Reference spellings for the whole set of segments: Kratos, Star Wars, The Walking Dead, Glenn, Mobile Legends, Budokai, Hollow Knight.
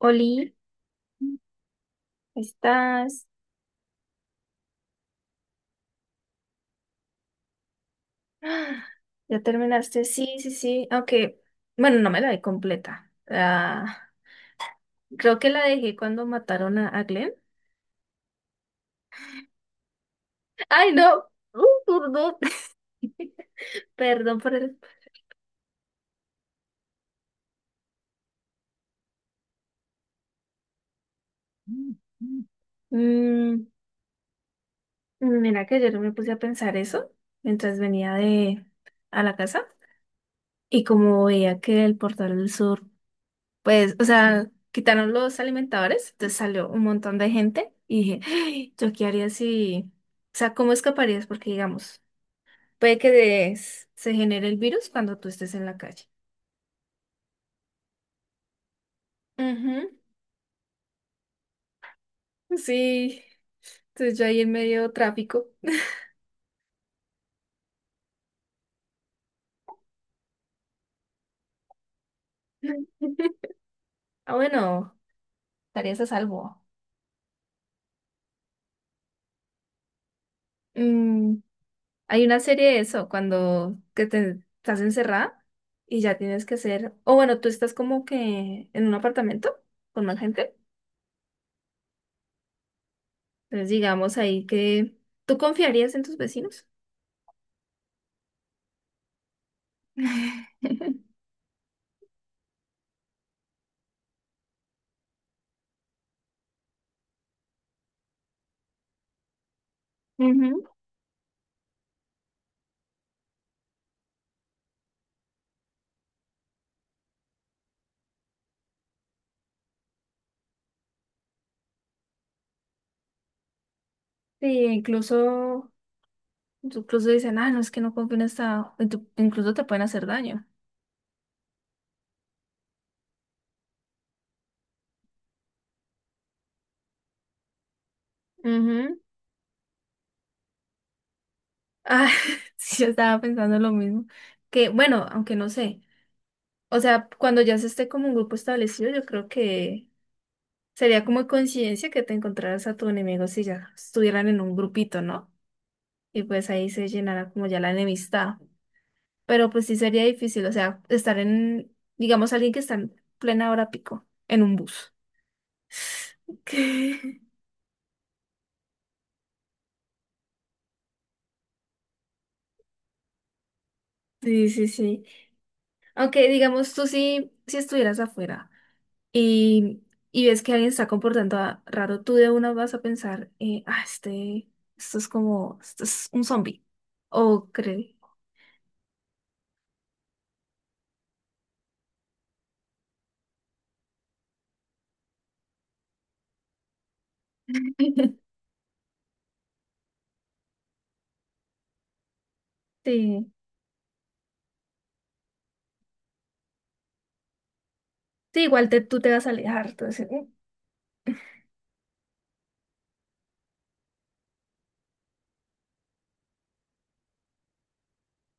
Oli, ¿estás? ¡Ah! ¿Ya terminaste? Sí, sí, sí. Aunque, bueno, no me la vi completa. Ah, creo que la dejé cuando mataron a Glenn. ¡Ay, no! ¡ perdón! Perdón por el... Mm, mira que ayer me puse a pensar eso mientras venía de a la casa y como veía que el portal del sur pues, o sea, quitaron los alimentadores, entonces salió un montón de gente y dije, "Ay, ¿yo qué haría si, o sea, ¿cómo escaparías? Porque, digamos, puede que se genere el virus cuando tú estés en la calle. Ujú. Sí, entonces yo ahí en medio de tráfico. Ah, bueno, estarías a salvo. Mm, hay una serie de eso, cuando que te estás encerrada y ya tienes que hacer, o bueno, tú estás como que en un apartamento con más gente. Entonces, digamos ahí que tú confiarías en tus vecinos. Ujú. Sí, incluso, incluso dicen, ah, no, es que no confío en esta, incluso te pueden hacer daño. Ujú. Ah, sí, yo estaba pensando lo mismo. Que bueno, aunque no sé. O sea, cuando ya se esté como un grupo establecido, yo creo que sería como coincidencia que te encontraras a tu enemigo si ya estuvieran en un grupito, ¿no? Y pues ahí se llenará como ya la enemistad. Pero pues sí sería difícil, o sea, estar en, digamos, alguien que está en plena hora pico, en un bus. Que- Sí, sí, sí. Aunque digamos, tú sí, si estuvieras afuera y, y ves que alguien está comportando raro, tú de una vas a pensar, este, esto es como, esto es un zombie. O cree. Sí, sí, igual te, tú te vas a alejar, entonces,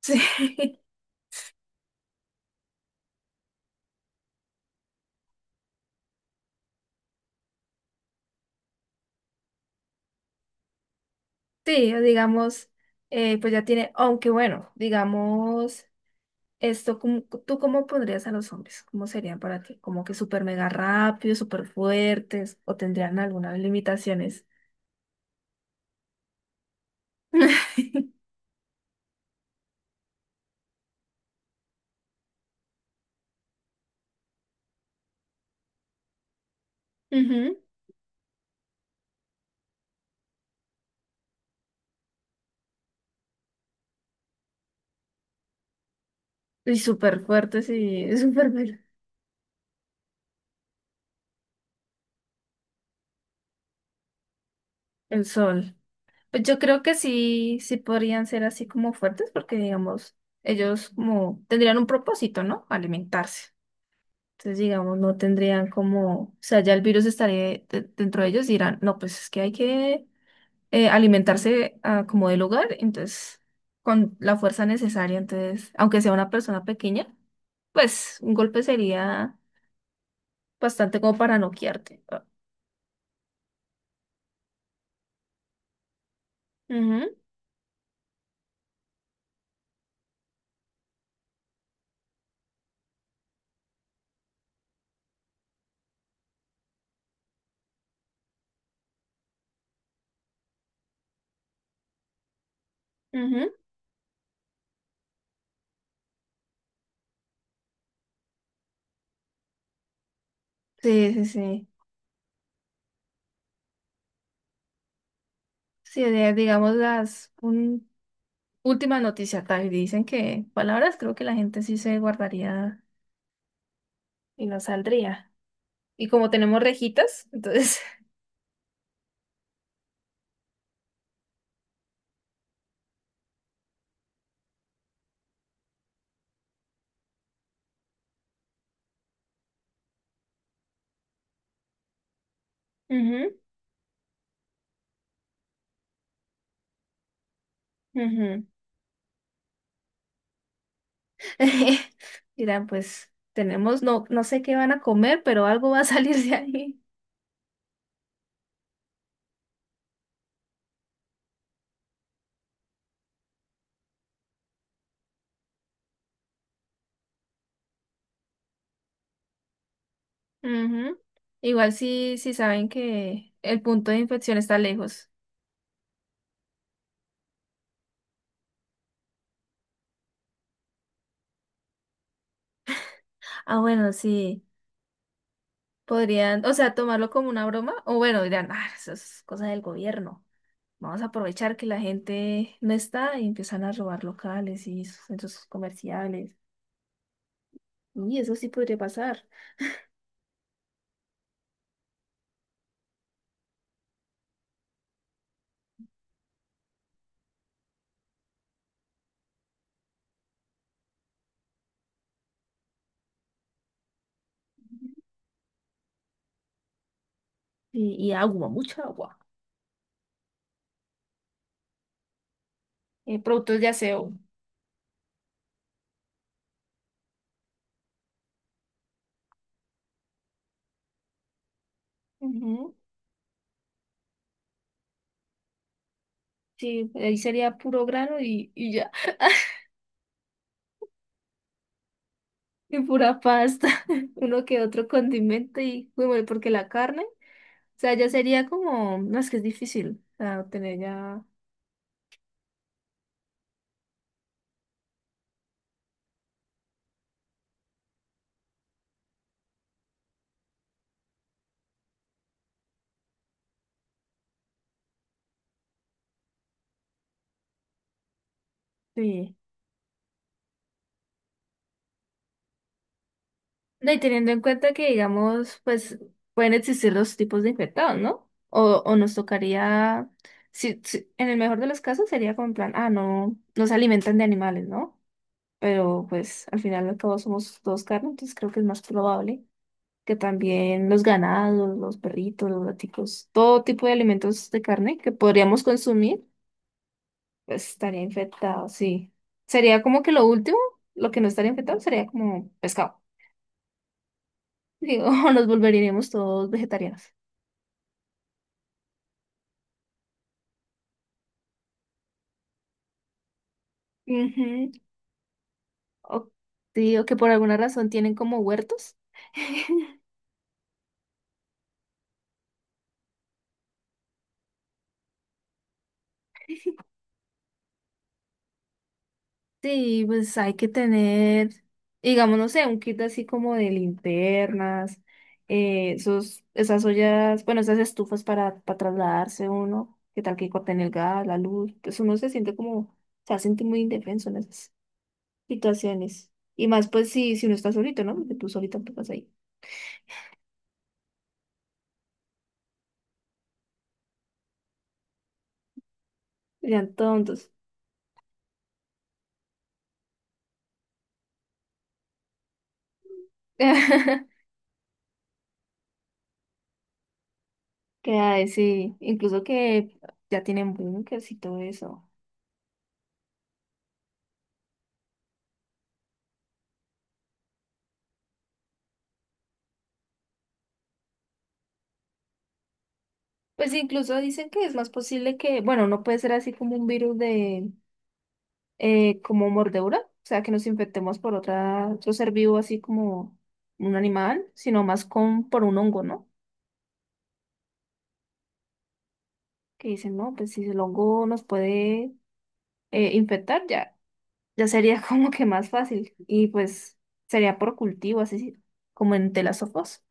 sí, sí, o digamos, pues ya tiene, aunque bueno, digamos. Esto, ¿cómo- ¿tú cómo pondrías a los hombres? ¿Cómo serían para ti? ¿Como que súper mega rápidos, súper fuertes? ¿O tendrían algunas limitaciones? Ujú. Y súper fuertes y súper mega- el sol. Pues yo creo que sí, sí podrían ser así como fuertes porque, digamos, ellos como tendrían un propósito, ¿no? Alimentarse. Entonces, digamos, no tendrían como, o sea, ya el virus estaría dentro de ellos y dirán, no, pues es que hay que alimentarse ah, como del hogar, entonces con la fuerza necesaria, entonces, aunque sea una persona pequeña, pues un golpe sería bastante como para noquearte. Ah. Ujú, ujú. Sí, sí, sí. Sí, digamos las un, última noticia, tal, dicen que palabras creo que la gente sí se guardaría y no saldría. Y como tenemos rejitas, entonces... Ujú, ujú. Dirán, pues tenemos, no, no sé qué van a comer, pero algo va a salir de ahí. Ujú. Igual si saben que el punto de infección está lejos. Ah, bueno, sí, podrían, o sea, tomarlo como una broma, o bueno, dirán, ah, eso es cosa del gobierno. Vamos a aprovechar que la gente no está y empiezan a robar locales y sus centros comerciales. Y eso sí podría pasar. Y agua, mucha agua. Productos de aseo. Ujú. Sí, ahí sería puro grano y ya, y pura pasta, uno que otro condimento y, uy, bueno, porque la carne, o sea, ya sería como, no, es que es difícil, o sea, tener ya, sí. No, y teniendo en cuenta que, digamos, pues, pueden existir dos tipos de infectados, ¿no? O nos tocaría, si, en el mejor de los casos sería como en plan, ah, no, no se alimentan de animales, ¿no? Pero, pues, al final y al cabo somos dos carnes, entonces creo que es más probable. Que también los ganados, los perritos, los gaticos, todo tipo de alimentos de carne que podríamos consumir, pues estaría infectado, sí. Sería como que lo último, lo que no estaría infectado sería como pescado. Digo, nos volveríamos todos vegetarianos. Ujú. O, sí, o que por alguna razón tienen como huertos. Sí, pues hay que tener, digamos, no sé, un kit así como de linternas, esos, esas ollas, bueno, esas estufas para trasladarse uno, que tal que corten el gas, la luz, pues uno se siente como, se siente muy indefenso en esas situaciones. Y más pues si, si uno está solito, ¿no? Porque tú solita te vas ahí. Serían tontos. Que hay, sí, incluso que ya tienen bunkers y todo eso. Pues incluso dicen que es más posible que, bueno, no puede ser así como un virus de, como mordedura, o sea, que nos infectemos por otra, otro ser vivo así como un animal, sino más con, por un hongo, ¿no? Que dicen, no, pues si el hongo nos puede infectar, ya, ya sería como que más fácil. Y pues sería por cultivo, así como en telasofos.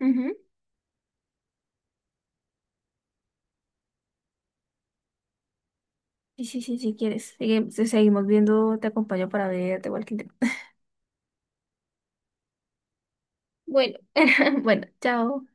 Ujú. Sí, sí, sí, si quieres. Sigue- seguimos viendo, te acompaño para ver The Walking Dead. Bueno, bueno, chao.